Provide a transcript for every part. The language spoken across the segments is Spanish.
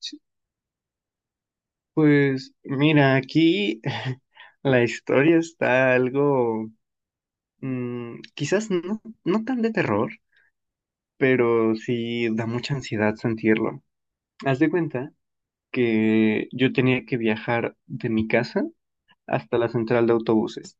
Sí. Pues mira, aquí la historia está algo, quizás no tan de terror, pero sí da mucha ansiedad sentirlo. Haz de cuenta que yo tenía que viajar de mi casa hasta la central de autobuses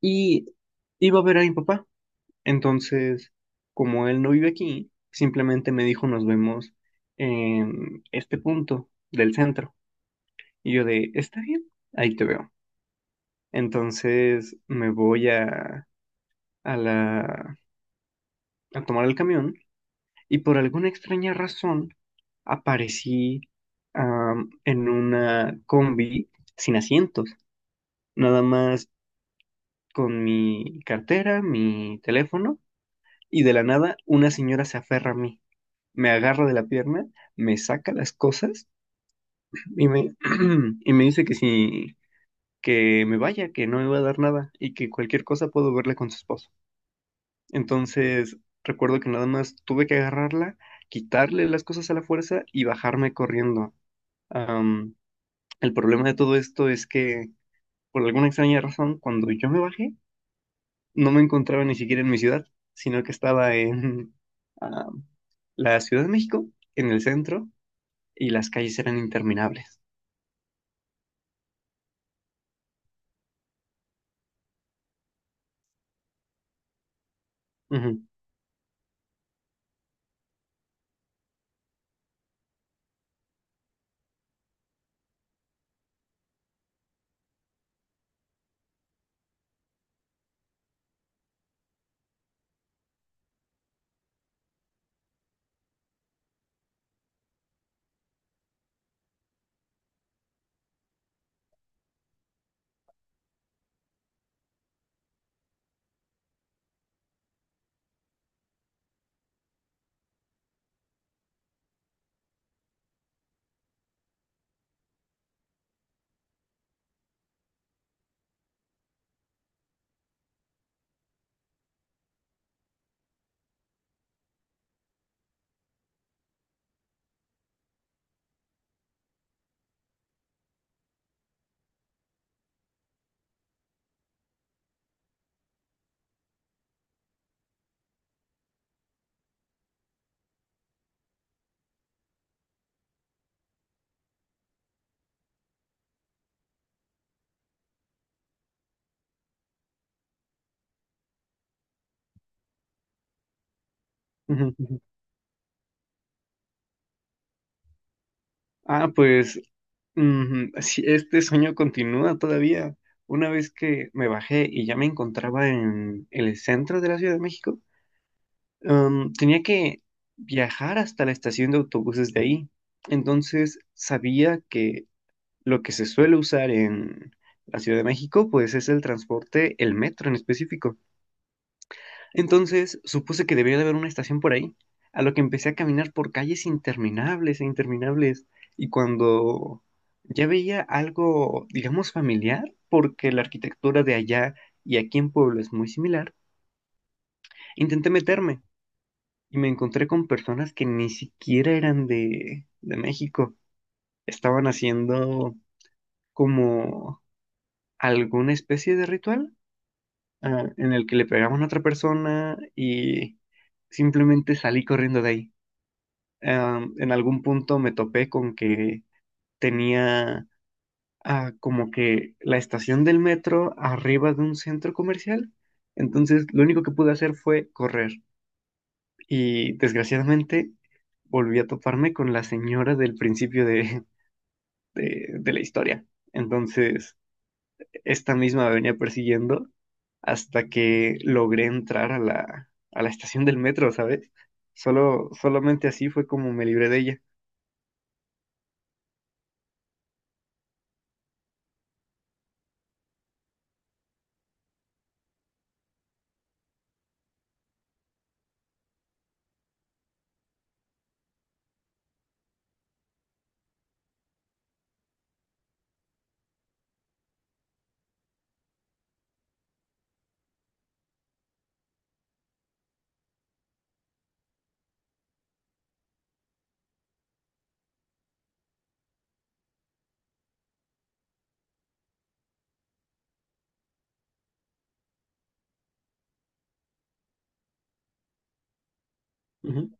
y iba a ver a mi papá. Entonces, como él no vive aquí, simplemente me dijo nos vemos en este punto del centro. Y yo de, está bien, ahí te veo. Entonces me voy a la, a tomar el camión y por alguna extraña razón aparecí en una combi sin asientos, nada más con mi cartera, mi teléfono y de la nada una señora se aferra a mí, me agarra de la pierna, me saca las cosas y y me dice que si, que me vaya, que no me va a dar nada y que cualquier cosa puedo verla con su esposo. Entonces, recuerdo que nada más tuve que agarrarla, quitarle las cosas a la fuerza y bajarme corriendo. Am, el problema de todo esto es que, por alguna extraña razón, cuando yo me bajé, no me encontraba ni siquiera en mi ciudad, sino que estaba en am, la Ciudad de México, en el centro, y las calles eran interminables. Ujú, ujú, ujú. Ah, pues sí, este sueño continúa todavía. Una vez que me bajé y ya me encontraba en el centro de la Ciudad de México, tenía que viajar hasta la estación de autobuses de ahí. Entonces sabía que lo que se suele usar en la Ciudad de México, pues es el transporte, el metro en específico. Entonces supuse que debía de haber una estación por ahí, a lo que empecé a caminar por calles interminables e interminables. Y cuando ya veía algo, digamos, familiar, porque la arquitectura de allá y aquí en Pueblo es muy similar, intenté meterme y me encontré con personas que ni siquiera eran de México. Estaban haciendo como alguna especie de ritual, ah, en el que le pegaban a otra persona y simplemente salí corriendo de ahí. En algún punto me topé con que tenía ah, como que la estación del metro arriba de un centro comercial. Entonces, lo único que pude hacer fue correr. Y desgraciadamente volví a toparme con la señora del principio de la historia. Entonces, esta misma me venía persiguiendo hasta que logré entrar a a la estación del metro, ¿sabes? Solamente así fue como me libré de ella. Ujú.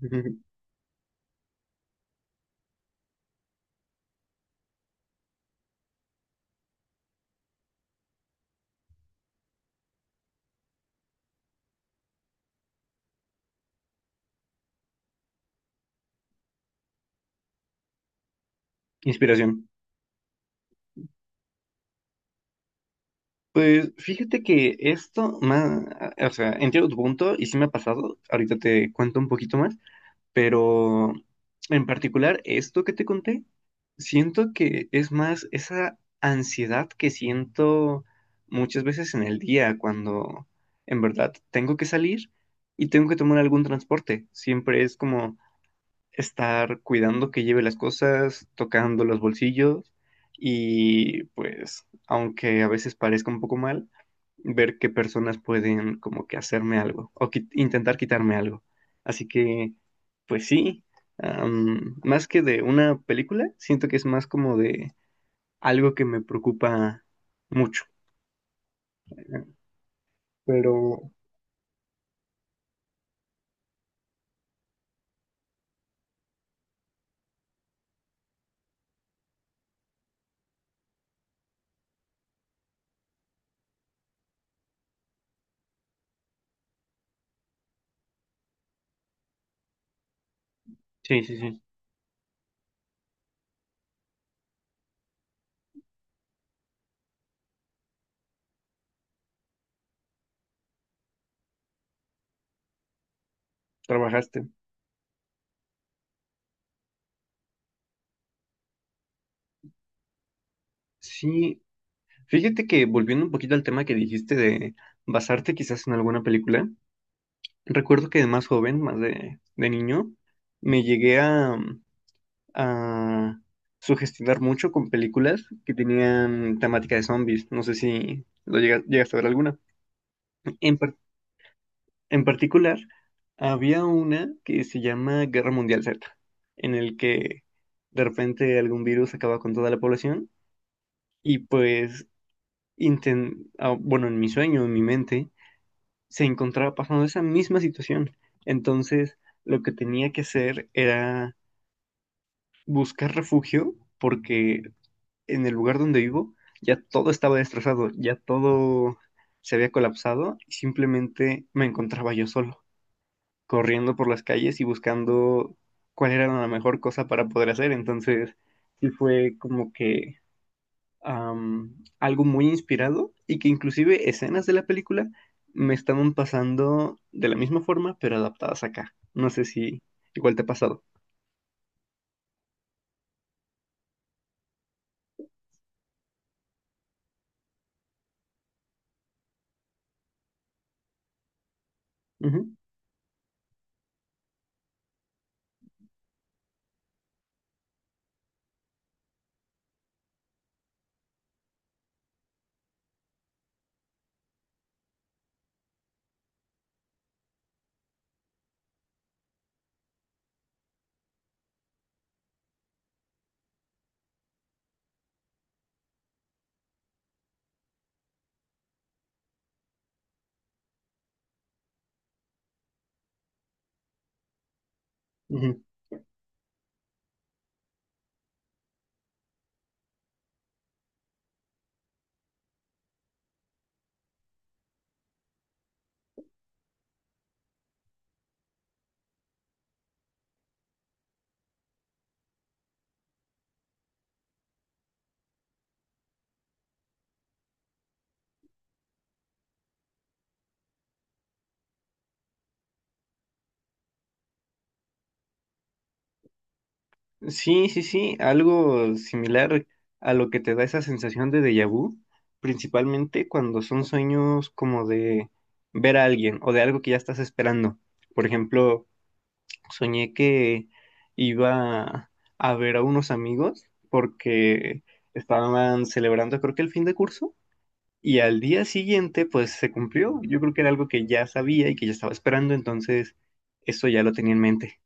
Inspiración. Pues fíjate que esto, más, o sea, entiendo tu punto y sí me ha pasado, ahorita te cuento un poquito más, pero en particular esto que te conté, siento que es más esa ansiedad que siento muchas veces en el día cuando en verdad tengo que salir y tengo que tomar algún transporte. Siempre es como estar cuidando que lleve las cosas, tocando los bolsillos y pues, aunque a veces parezca un poco mal ver qué personas pueden como que hacerme algo o intentar quitarme algo. Así que, pues sí, más que de una película, siento que es más como de algo que me preocupa mucho. eh, Pero sí, sí, sí, trabajaste. Sí, fíjate que volviendo un poquito al tema que dijiste de basarte quizás en alguna película, recuerdo que de más joven, más de niño, me llegué a sugestionar mucho con películas que tenían temática de zombies. No sé si llegaste a ver alguna. En, par- en particular, había una que se llama Guerra Mundial Z, en el que de repente algún virus acaba con toda la población y pues, bueno, en mi sueño, en mi mente, se encontraba pasando esa misma situación. Entonces, lo que tenía que hacer era buscar refugio porque en el lugar donde vivo ya todo estaba destrozado, ya todo se había colapsado y simplemente me encontraba yo solo, corriendo por las calles y buscando cuál era la mejor cosa para poder hacer. Entonces, sí fue como que algo muy inspirado y que inclusive escenas de la película me estaban pasando de la misma forma, pero adaptadas acá. No sé si igual te ha pasado. Ujú, ujú. Sí, sí, sí, algo similar a lo que te da esa sensación de déjà vu, principalmente cuando son sueños como de ver a alguien o de algo que ya estás esperando. Por ejemplo, soñé que iba a ver a unos amigos porque estaban celebrando creo que el fin de curso y al día siguiente pues se cumplió. Yo creo que era algo que ya sabía y que ya estaba esperando, entonces eso ya lo tenía en mente.